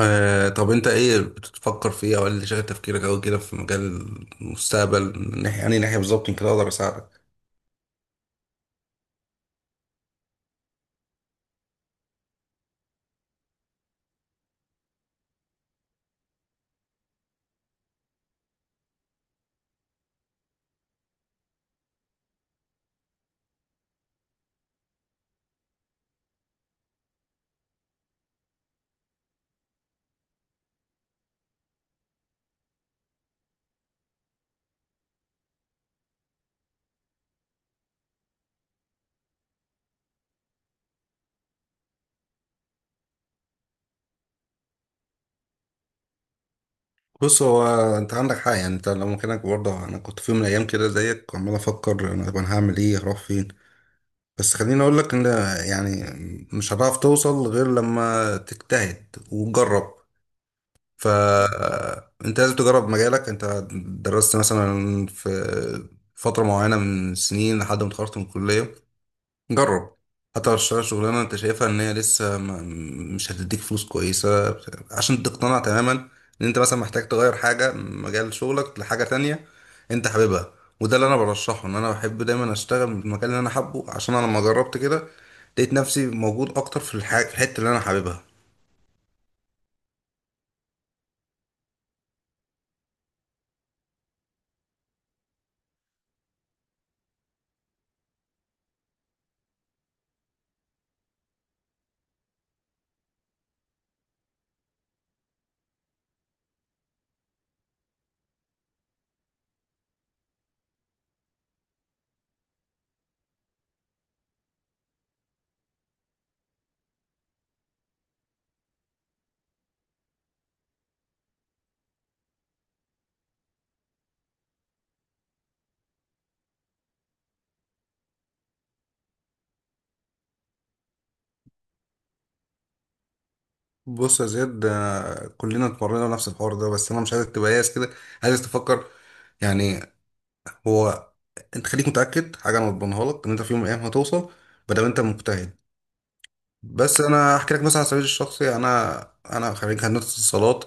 طب انت ايه بتفكر في ايه او ايه اللي شغل تفكيرك او كده في مجال المستقبل من ناحيه ناحيه بالظبط يمكن اقدر اساعدك. بص هو انت عندك حق، يعني انت لو مكانك برضه انا كنت في يوم من الايام كده زيك وعمال افكر انا طب انا هعمل ايه هروح فين. بس خليني اقول لك ان يعني مش هتعرف توصل غير لما تجتهد وتجرب، فانت لازم تجرب مجالك. انت درست مثلا فتره معينه من سنين لحد ما اتخرجت من الكليه. جرب، حتى لو تشتغل شغلانة انت شايفها ان هي لسه ما مش هتديك فلوس كويسة، عشان تقتنع تماما ان انت مثلا محتاج تغير حاجة من مجال شغلك لحاجة تانية انت حاببها. وده اللي انا برشحه، ان انا بحب دايما اشتغل في المكان اللي انا حابه، عشان انا لما جربت كده لقيت نفسي موجود اكتر في الحتة اللي انا حاببها. بص يا زياد، كلنا اتمرنا نفس الحوار ده، بس انا مش عايزك تبقى ياس كده، عايزك تفكر. يعني هو انت خليك متأكد حاجة انا بضمنها لك ان انت في يوم من الايام هتوصل بدل ما انت مجتهد. بس انا احكي لك مثلا على سبيل الشخصي، انا انا خريج هندسه اتصالات.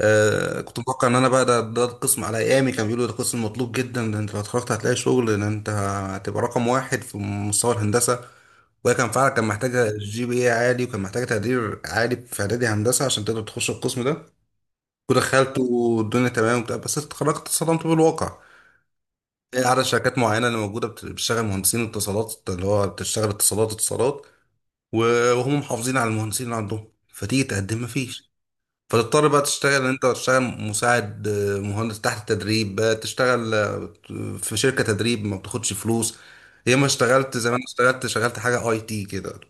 آه، كنت متوقع ان انا بقى ده القسم على ايامي، كان بيقولوا ده قسم مطلوب جدا، ده انت لو اتخرجت هتلاقي شغل، ده انت هتبقى رقم واحد في مستوى الهندسه. وهي كان فعلا كان محتاجه جي بي اي عالي، وكان محتاجه تقدير عالي في اعدادي هندسه عشان تقدر تخش القسم ده. ودخلت والدنيا تمام وبتاع، بس اتخرجت اتصدمت بالواقع. إيه، عدد شركات معينه اللي موجوده بتشتغل مهندسين اتصالات، اللي هو بتشتغل اتصالات اتصالات، وهم محافظين على المهندسين اللي عندهم، فتيجي تقدم مفيش. فتضطر بقى تشتغل، انت تشتغل مساعد مهندس تحت تدريب، بقى تشتغل في شركة تدريب ما بتاخدش فلوس. يا ما اشتغلت زمان، اشتغلت شغلت حاجة اي تي كده.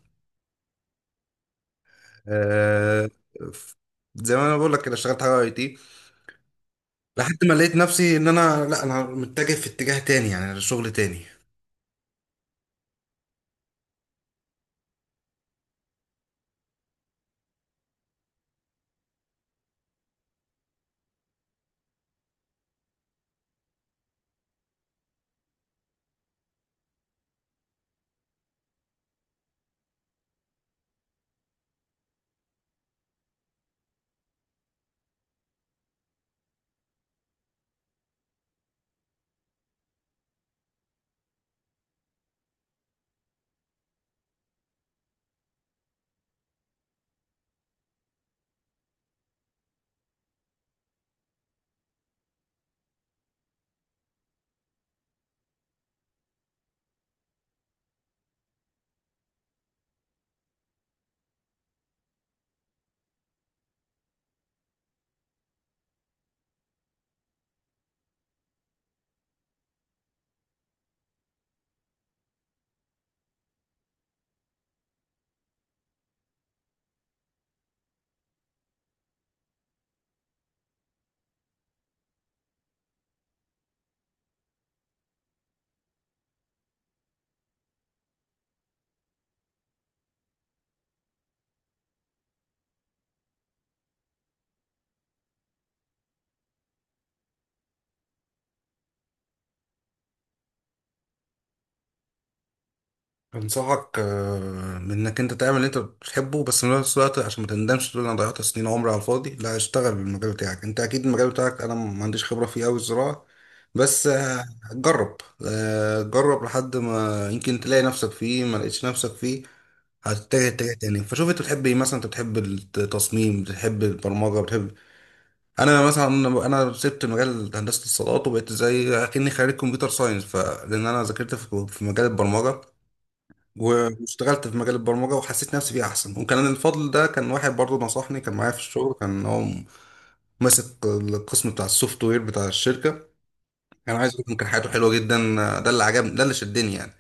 آه، ف- زي ما انا بقول لك كده اشتغلت حاجة اي تي لحد ما لقيت نفسي ان انا لا انا متجه في اتجاه تاني يعني شغل تاني. انصحك بانك انت تعمل اللي انت بتحبه، بس في نفس الوقت عشان ما تندمش تقول انا ضيعت سنين عمري على الفاضي، لا اشتغل بالمجال بتاعك. انت اكيد المجال بتاعك انا ما عنديش خبرة فيه قوي، الزراعة، بس جرب. جرب لحد ما يمكن تلاقي نفسك فيه، ما لقيتش نفسك فيه هتتجه اتجاه تاني. فشوف انت بتحب ايه، مثلا انت بتحب التصميم، بتحب البرمجة، بتحب. انا مثلا انا سبت مجال هندسة الصالات وبقيت زي اكني خريج كمبيوتر ساينس فلان، انا ذاكرت في مجال البرمجة واشتغلت في مجال البرمجة وحسيت نفسي فيه أحسن. وكان الفضل ده كان واحد برضه نصحني، كان معايا في الشغل، كان هو ماسك القسم بتاع السوفت وير بتاع الشركة. أنا عايز أقول لك كان حياته حلوة جدا، ده اللي عجبني، ده اللي شدني يعني.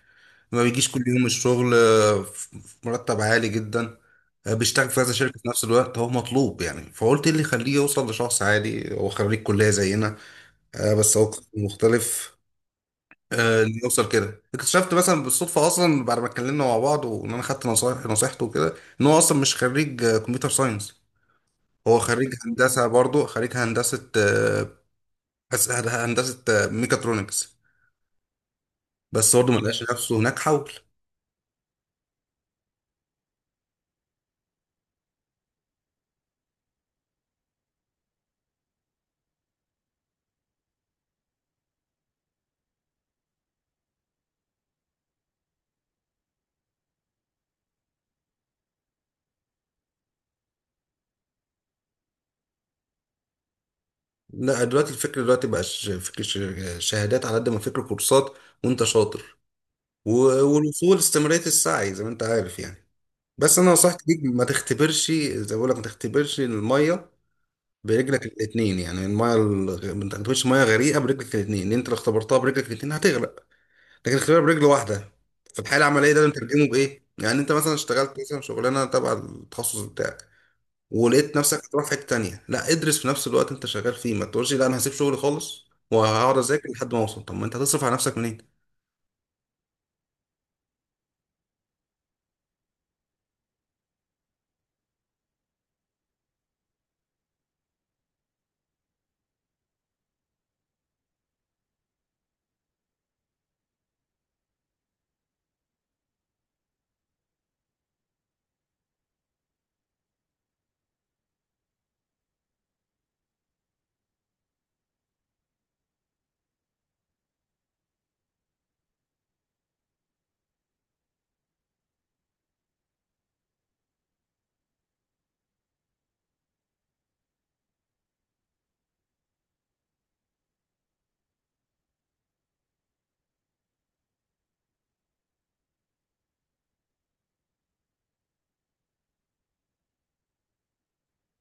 ما بيجيش كل يوم الشغل، في مرتب عالي جدا، بيشتغل في كذا شركة في نفس الوقت، هو مطلوب يعني. فقلت إيه اللي يخليه يوصل لشخص عادي هو خريج كلية زينا؟ بس هو قسم مختلف. اللي يوصل كده اكتشفت مثلا بالصدفه اصلا بعد ما اتكلمنا مع بعض، وان انا خدت نصيحته وكده، ان هو اصلا مش خريج كمبيوتر ساينس، هو خريج هندسه برضه، خريج هندسه هندسه ميكاترونكس. بس برضه ما لقاش نفسه هناك، حول. لا دلوقتي الفكر دلوقتي بقاش فكر شهادات، على قد ما فكر كورسات، وانت شاطر، والوصول استمراريه السعي زي ما انت عارف يعني. بس انا نصيحتي ليك، ما تختبرش زي ما بقول لك، ما تختبرش الميه برجلك الاثنين، يعني المايه الغ... ما تاخدش ميه غريقه برجلك الاثنين، اللي انت لو اختبرتها برجلك الاثنين هتغرق، لكن اختبار برجل واحده. في الحاله العمليه ده بنترجمه بايه؟ يعني انت مثلا اشتغلت مثلا شغلانه تبع التخصص بتاعك، ولقيت نفسك هتروح في حته تانيه، لا ادرس في نفس الوقت انت شغال فيه. ما تقولش لا انا هسيب شغلي خالص وهقعد اذاكر لحد ما اوصل، طب ما انت هتصرف على نفسك منين؟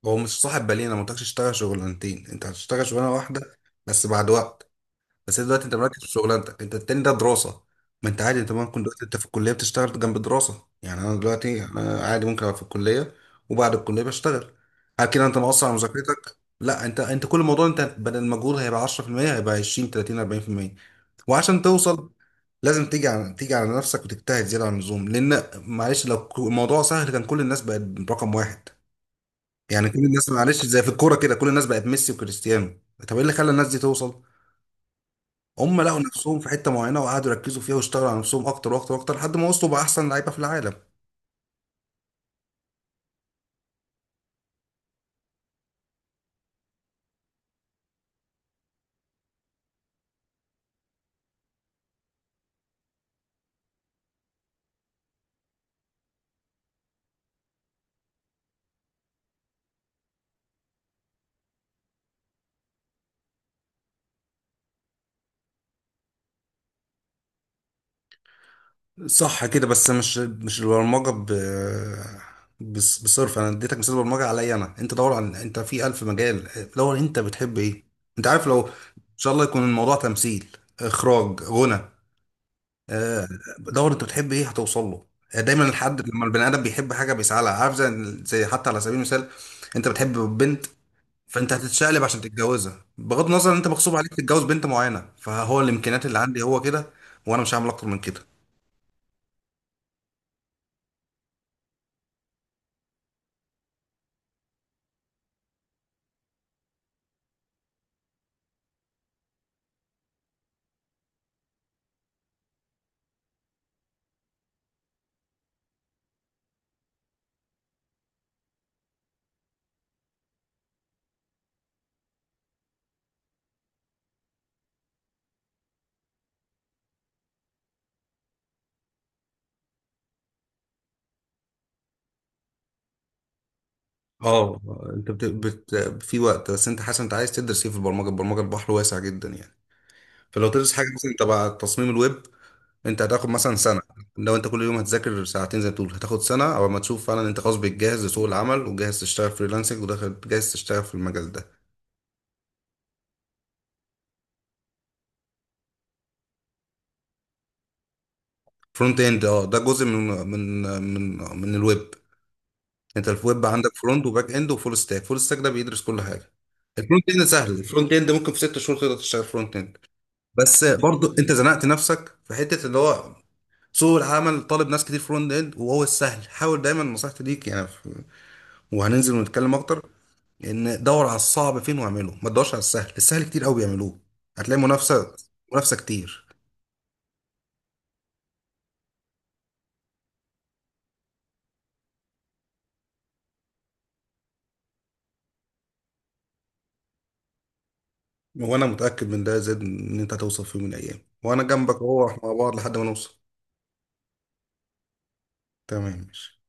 هو مش صاحب بالين، انا ما قلتلكش اشتغل شغلانتين، انت هتشتغل شغلانه واحده بس بعد وقت. بس انت دلوقتي انت مركز في شغلانتك، انت التاني ده دراسه، ما انت عادي. انت ممكن دلوقتي انت في الكليه بتشتغل جنب الدراسه، يعني انا دلوقتي انا عادي ممكن ابقى في الكليه وبعد الكليه بشتغل. هل كده انت مقصر على مذاكرتك؟ لا، انت كل موضوع انت بدل المجهود هيبقى 10%، هيبقى 20 30 40%. وعشان توصل لازم تيجي على نفسك وتجتهد زياده عن اللزوم، لان معلش لو الموضوع سهل كان كل الناس بقت رقم واحد. يعني كل الناس، معلش، زي في الكوره كده كل الناس بقت ميسي وكريستيانو. طب ايه اللي خلى الناس دي توصل؟ هم لقوا نفسهم في حته معينه وقعدوا يركزوا فيها، واشتغلوا على نفسهم اكتر واكتر واكتر لحد ما وصلوا بقى احسن لعيبه في العالم. صح كده، بس مش البرمجه ب بصرف، انا اديتك مثال برمجه عليا انا، انت دور على، انت في الف مجال، دور انت بتحب ايه. انت عارف لو ان شاء الله يكون الموضوع تمثيل، اخراج، غنى، آه، دور انت بتحب ايه هتوصل له. دايما الحد لما البني ادم بيحب حاجه بيسعى لها، عارف، زي حتى على سبيل المثال انت بتحب بنت، فانت هتتشقلب عشان تتجوزها، بغض النظر ان انت مغصوب عليك تتجوز بنت معينه، فهو الامكانيات اللي عندي هو كده، وانا مش هعمل اكتر من كده. اه، انت بت... بت... في وقت، بس انت حاسس انت عايز تدرس ايه في البرمجه؟ البرمجه البحر واسع جدا يعني. فلو تدرس حاجه مثلا تبع تصميم الويب، انت هتاخد مثلا سنه. لو انت كل يوم هتذاكر ساعتين زي ما بتقول، هتاخد سنه او ما تشوف فعلا انت خلاص بتجهز لسوق العمل وجاهز تشتغل فريلانسنج وداخل جاهز تشتغل في المجال ده. فرونت اند، اه، ده جزء من الويب. انت في ويب عندك فرونت وباك اند وفول ستاك، فول ستاك ده بيدرس كل حاجه. الفرونت اند سهل، الفرونت اند ممكن في 6 شهور تقدر تشتغل فرونت اند. بس برضو انت زنقت نفسك في حته اللي هو سوق العمل طالب ناس كتير فرونت اند، وهو السهل. حاول دايما نصيحتي ليك، وهننزل ونتكلم اكتر، ان دور على الصعب فين واعمله، ما تدورش على السهل، السهل كتير قوي بيعملوه، هتلاقي منافسه، منافسه كتير. وانا متاكد من ده زاد ان انت هتوصل في يوم من الايام، وانا جنبك اهو، احنا مع بعض لحد ما نوصل. تمام ماشي.